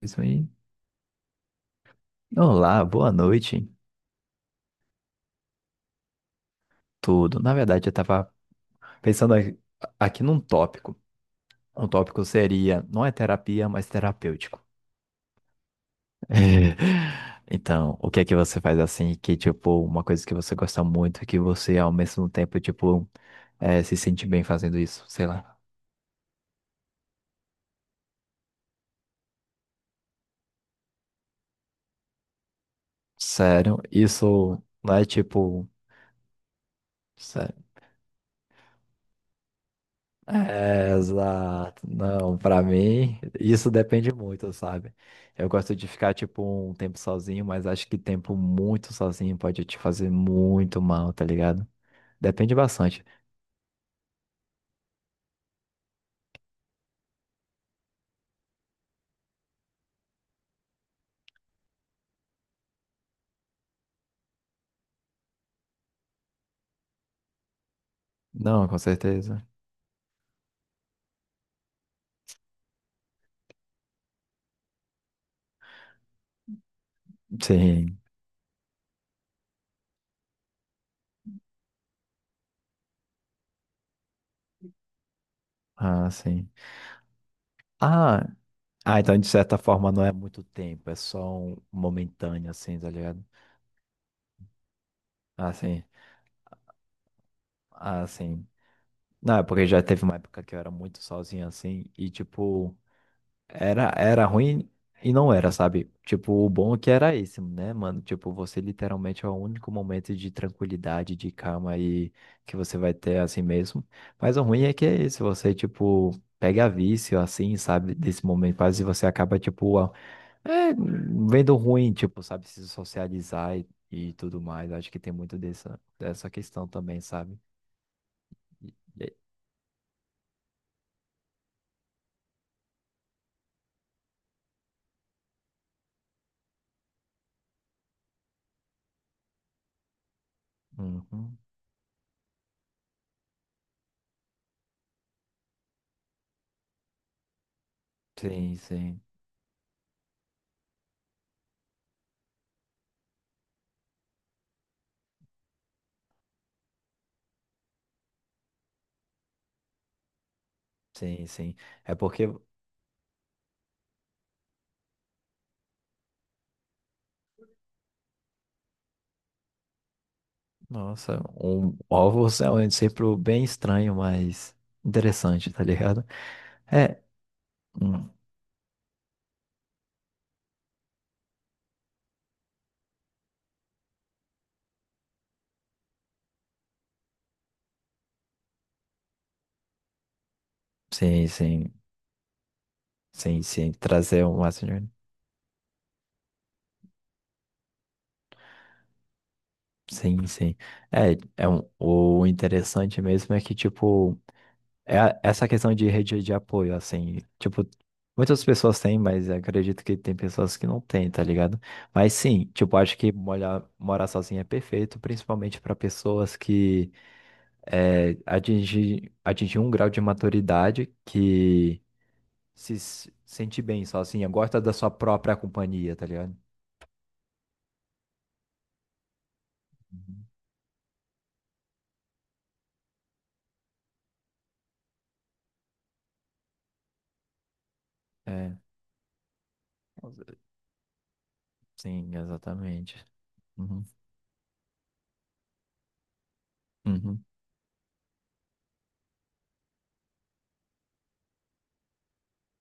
Isso aí. Olá, boa noite. Tudo. Na verdade, eu estava pensando aqui num tópico. Um tópico seria, não é terapia, mas terapêutico. Então, o que é que você faz assim que, tipo, uma coisa que você gosta muito, e que você ao mesmo tempo, tipo, se sente bem fazendo isso? Sei lá. Sério, isso não é tipo. É, exato. Não, pra mim, isso depende muito, sabe? Eu gosto de ficar, tipo, um tempo sozinho, mas acho que tempo muito sozinho pode te fazer muito mal, tá ligado? Depende bastante. Não, com certeza. Sim. Ah, sim. Ah, ah, então de certa forma não é muito tempo, é só um momentâneo, assim, tá ligado? Ah, sim. Ah, sim. Não, é porque já teve uma época que eu era muito sozinho, assim, e, tipo. Era ruim e não era, sabe? Tipo, o bom é que era esse, né, mano? Tipo, você literalmente é o único momento de tranquilidade, de calma aí que você vai ter assim mesmo. Mas o ruim é que é esse, você, tipo, pega vício, assim, sabe? Desse momento quase você acaba, tipo, é, vendo ruim, tipo, sabe? Se socializar e tudo mais. Acho que tem muito dessa questão também, sabe? E- e- Uhum. Sim, sim. Sim, sim. É porque nossa, um ovo realmente sempre bem estranho, mas interessante, tá ligado? É, hum, sim, sim, sim, sim, trazer um Messenger, sim, sim. É, é um, o interessante mesmo é que, tipo, essa questão de rede de apoio, assim, tipo, muitas pessoas têm, mas acredito que tem pessoas que não têm, tá ligado? Mas sim, tipo, acho que molhar, morar sozinho é perfeito, principalmente para pessoas que é, atingir um grau de maturidade que se s- sente bem sozinha, gosta da sua própria companhia, tá ligado? Uhum. É, sim, exatamente. Uhum, uhum,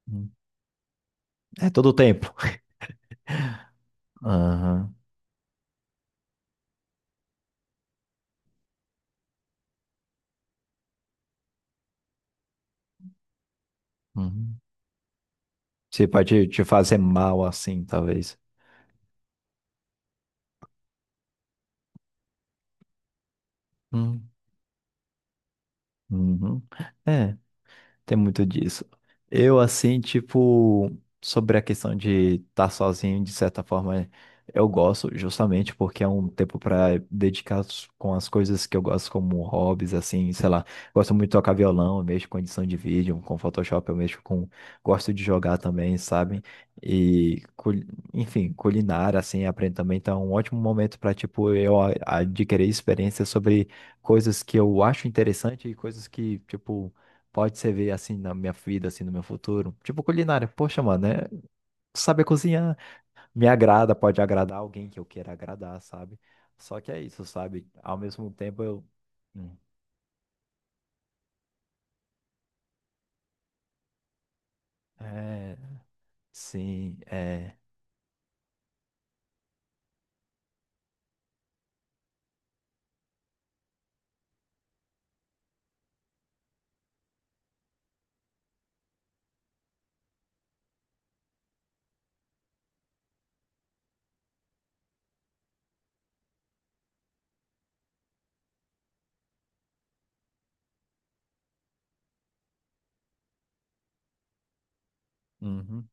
uhum. É todo o tempo. Aham, uhum. Você pode te fazer mal assim, talvez. Uhum, uhum. É. Tem muito disso. Eu, assim, tipo, sobre a questão de estar sozinho, de certa forma, eu gosto, justamente porque é um tempo para com as coisas que eu gosto, como hobbies, assim, sei lá. Gosto muito de tocar violão, eu mexo com edição de vídeo, com Photoshop, eu mexo com. Gosto de jogar também, sabe? E, enfim, culinária, assim, aprendo também. Então, é um ótimo momento para, tipo, adquirir experiência sobre coisas que eu acho interessante e coisas que, tipo pode ser ver assim na minha vida, assim no meu futuro. Tipo culinária, poxa, mano, né, saber cozinhar me agrada, pode agradar alguém que eu queira agradar, sabe? Só que é isso, sabe? Ao mesmo tempo eu hum. É, sim, é, uhum,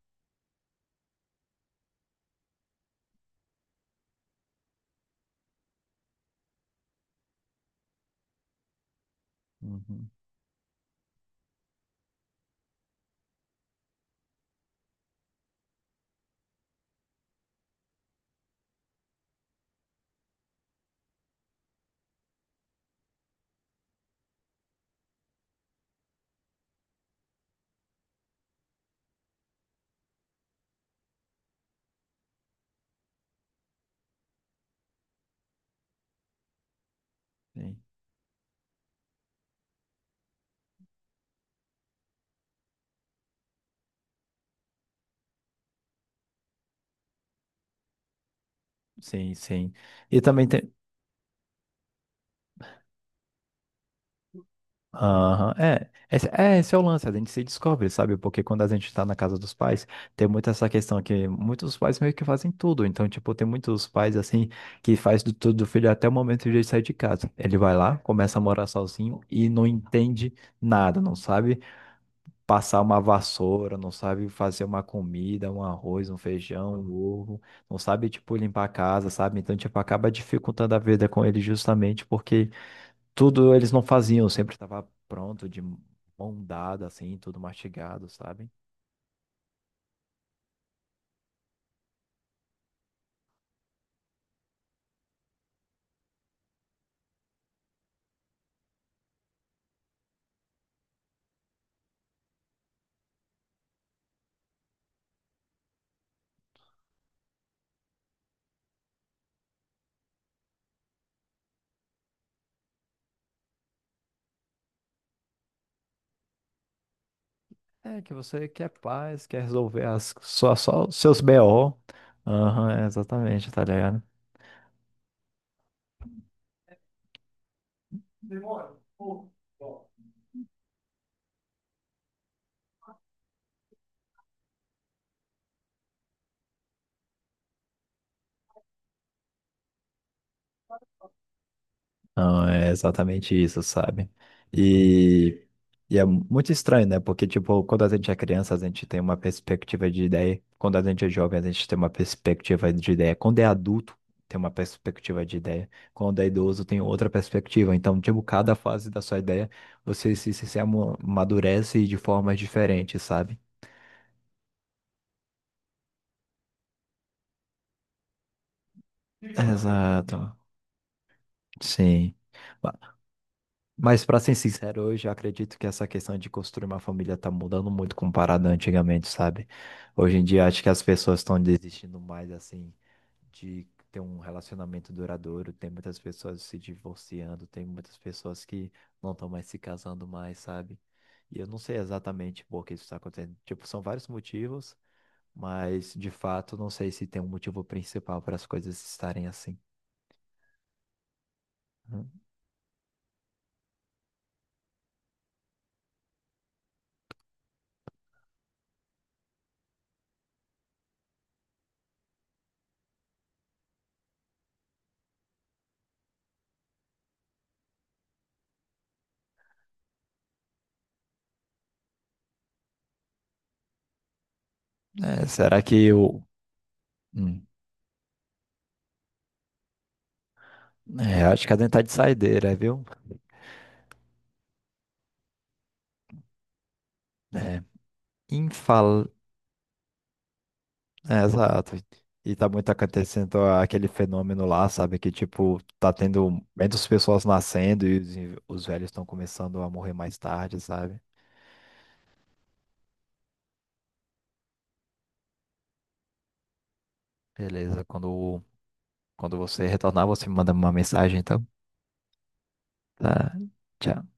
uhum, sim, sim, sim. E também tem aham. É, esse, é, esse é o lance, a gente se descobre, sabe? Porque quando a gente tá na casa dos pais, tem muito essa questão que muitos pais meio que fazem tudo. Então, tipo, tem muitos pais, assim, que faz do tudo do filho até o momento de ele sair de casa. Ele vai lá, começa a morar sozinho e não entende nada, não sabe passar uma vassoura, não sabe fazer uma comida, um arroz, um feijão, um ovo, não sabe, tipo, limpar a casa, sabe? Então, tipo, acaba dificultando a vida com ele justamente porque tudo eles não faziam, sempre estava pronto, de mão dada, assim, tudo mastigado, sabe? É que você quer paz, quer resolver as, só os seus BO. Aham, exatamente, tá ligado? Demora. Pô, ó. Não, é exatamente isso, sabe? E, e é muito estranho, né? Porque, tipo, quando a gente é criança, a gente tem uma perspectiva de ideia. Quando a gente é jovem, a gente tem uma perspectiva de ideia. Quando é adulto, tem uma perspectiva de ideia. Quando é idoso, tem outra perspectiva. Então, tipo, cada fase da sua ideia, você se amadurece de formas diferentes, sabe? Exato. Exato. Sim. Mas pra ser sincero, hoje eu acredito que essa questão de construir uma família tá mudando muito comparado a antigamente, sabe? Hoje em dia acho que as pessoas estão desistindo mais assim de ter um relacionamento duradouro, tem muitas pessoas se divorciando, tem muitas pessoas que não estão mais se casando mais, sabe? E eu não sei exatamente por que isso está acontecendo. Tipo, são vários motivos, mas de fato não sei se tem um motivo principal para as coisas estarem assim. Hum. É, será que eu. É, acho que a dentada de saideira, viu? É, infal... É, exato. E tá muito acontecendo aquele fenômeno lá, sabe? Que, tipo, tá tendo menos pessoas nascendo e os velhos estão começando a morrer mais tarde, sabe? Beleza, quando você retornar, você me manda uma mensagem, então. Tá. Tchau.